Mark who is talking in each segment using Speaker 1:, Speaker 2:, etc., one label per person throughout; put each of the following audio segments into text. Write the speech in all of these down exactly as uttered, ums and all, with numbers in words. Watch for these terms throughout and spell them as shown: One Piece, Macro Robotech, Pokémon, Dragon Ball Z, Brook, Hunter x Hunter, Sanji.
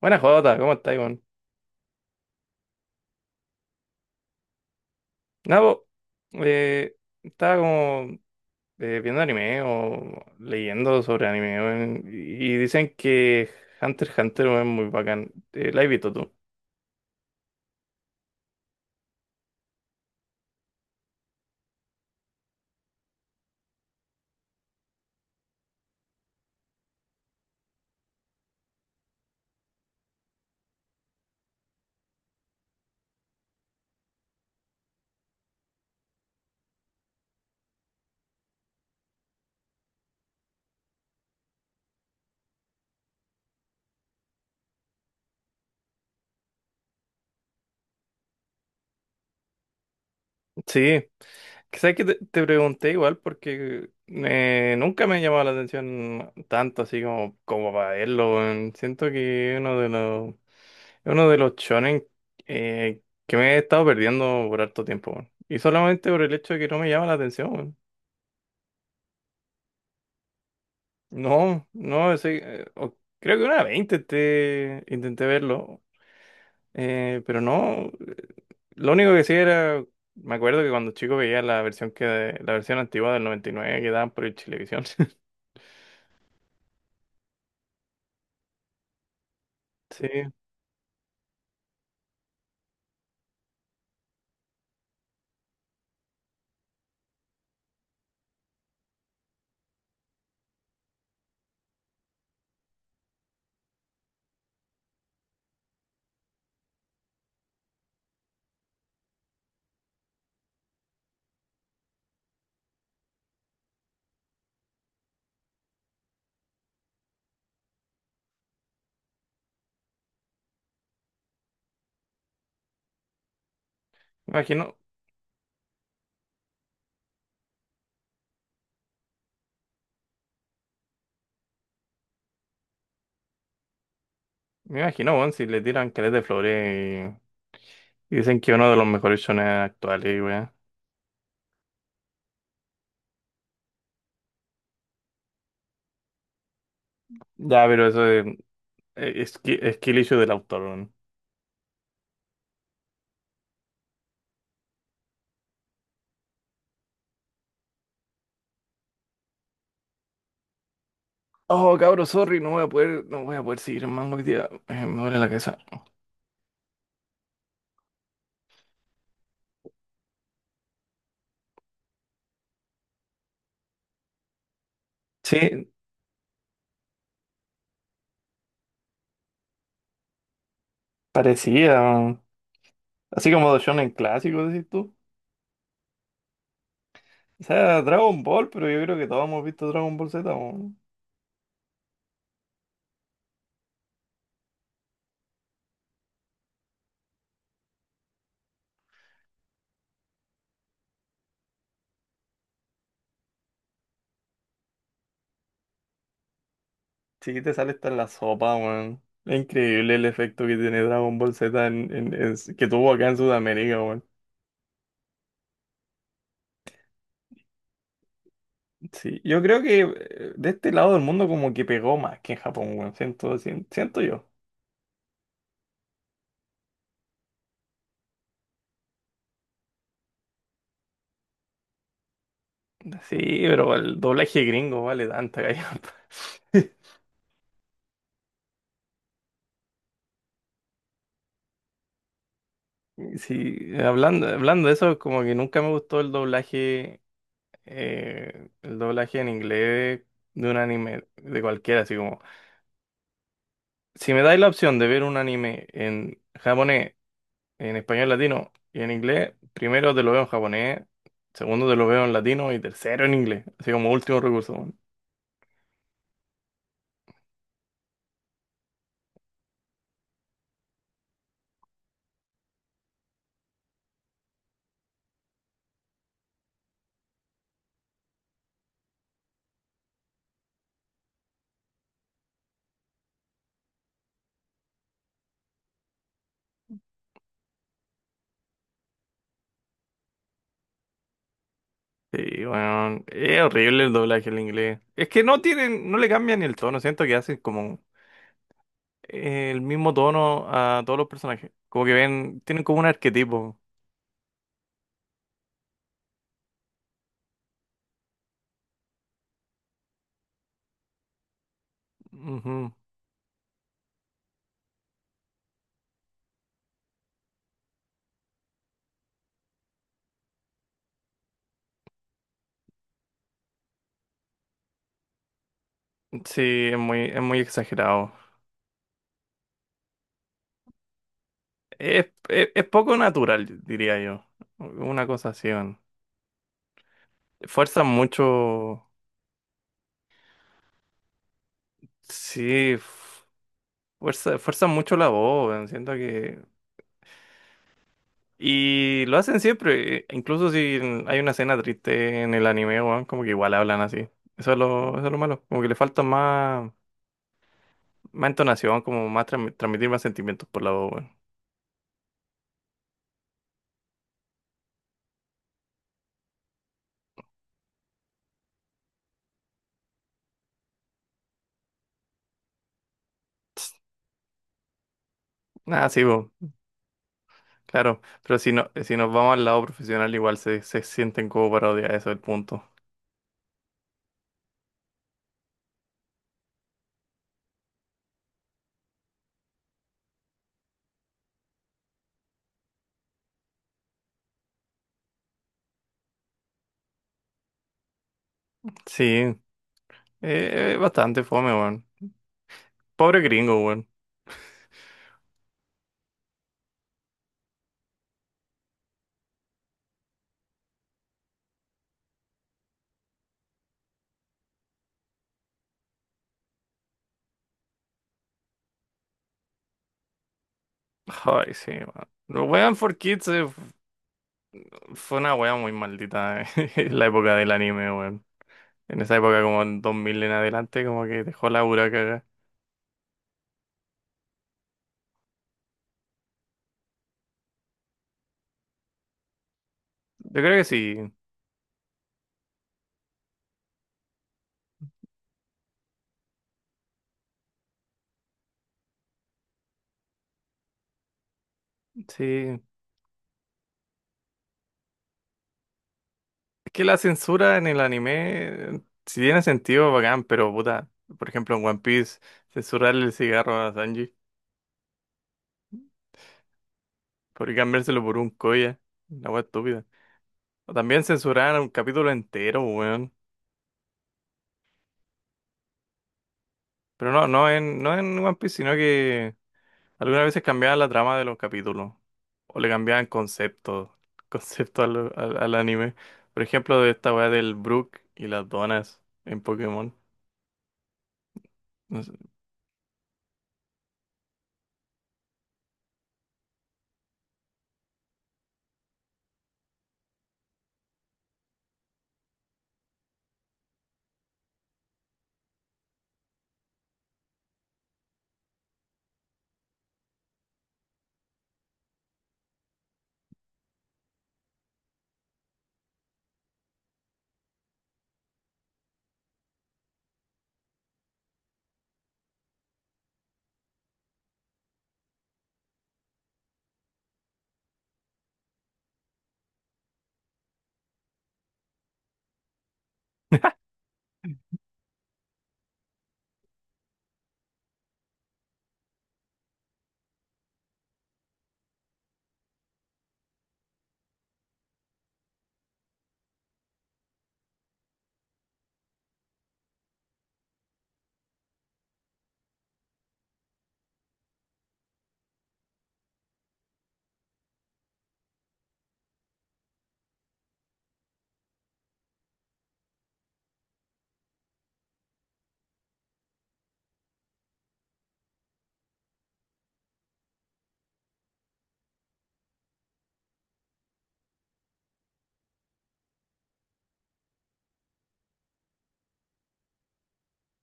Speaker 1: Buenas Jota, ¿cómo estás, Iván? Nada, po, eh, estaba como eh, viendo anime o leyendo sobre anime weón, y y dicen que Hunter x Hunter weón, es muy bacán. Eh, ¿la has visto tú? Sí, quizás que te, te pregunté igual porque eh, nunca me ha llamado la atención tanto así como, como para verlo. Weón. Siento que es uno de los, es uno de los shonen eh, que me he estado perdiendo por harto tiempo. Weón. Y solamente por el hecho de que no me llama la atención. Weón. No, no, ese, eh, o- creo que una veinte te, intenté verlo, eh, pero no, lo único que sí era, me acuerdo que cuando chico veía la versión que, la versión antigua del noventa y nueve que daban por el Chilevisión. Sí, me imagino, me imagino, weón, si le tiran caleta de flores y, y dicen que uno de los mejores shonen actuales, weón. Ya, pero eso es, eh, es, ski- es skill issue del autor, weón. Oh, cabro, sorry, no voy a poder, no voy a poder seguir más hoy día, eh, me duele la cabeza. Sí, parecía. Así como de shonen clásicos, decís tú. O sea, Dragon Ball, pero yo creo que todos hemos visto Dragon Ball Z, weón. Sí, te sale hasta en la sopa, weón. Es increíble el efecto que tiene Dragon Ball Z en, en- en- que tuvo acá en Sudamérica, weón. Sí, yo creo que eh, de este lado del mundo como que pegó más que en Japón, weón. Siento, sien- siento yo. Sí, pero el doblaje gringo vale tanta gallampa. Sí, hablando, hablando de eso, como que nunca me gustó el doblaje eh, el doblaje en inglés de un anime, de cualquiera, así como, si me dais la opción de ver un anime en japonés, en español latino y en inglés, primero te lo veo en japonés, segundo te lo veo en latino y tercero en inglés, así como último recurso. Weón. Sí, bueno, es horrible el doblaje en inglés. Es que no tienen, no le cambian ni el tono, siento que hacen como el mismo tono a todos los personajes, como que ven, tienen como un arquetipo. Ujú. Sí, es muy, es muy exagerado. Es, es, es poco natural, diría yo. Una cosa así. Man. Fuerzan mucho. Sí, f- fuerza, fuerzan mucho la voz. Man. Siento que. Y lo hacen siempre. Incluso si hay una escena triste en el anime, weón, como que igual hablan así. Eso es lo, eso es lo malo. Como que le falta más, más entonación, como más transmi- transmitir más sentimientos por la voz, weón. Ah, sí, weón. Claro. Pero si no, si nos vamos al lado profesional, igual se, se sienten como parodias. Eso es el punto. Sí. Eh, bastante fome, weón. Pobre gringo, weón. Ay, sí, weón. Los Weón for Kids eh, f- fue una wea muy maldita eh, en la época del anime, weón. En esa época, como en dos mil en adelante, como que dejó la pura cagada. Yo creo que sí, sí. Es que la censura en el anime, eh, si tiene sentido, bacán, pero puta. Por ejemplo, en One Piece, censurarle el cigarro a Sanji por cambiárselo por un koya. Una wea estúpida. O también censuraron un capítulo entero, weón. Pero no, no en, no en One Piece, sino que algunas veces cambiaban la trama de los capítulos. O le cambiaban conceptos. Conceptos al, al, al anime. Por ejemplo, de esta weá del Brook y las donas en Pokémon. No sé.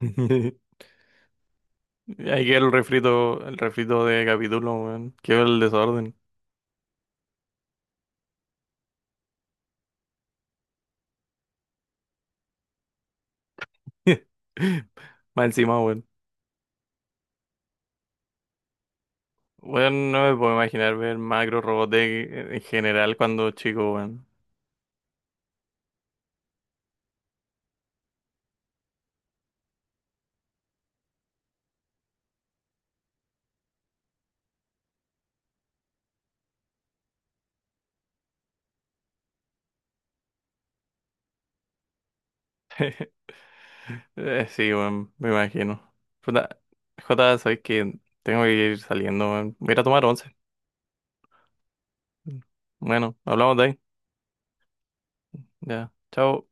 Speaker 1: Ahí queda el refrito, el refrito de capítulo, weón. Qué el desorden. Más encima, weón. Weón, no me puedo imaginar ver Macro Robotech en general cuando chico, weón. Eh, sí, weón, me imagino. Jota, Jota, sabes que tengo que ir saliendo, weón. Voy a ir a tomar once. Bueno, hablamos de ahí. Ya, chao.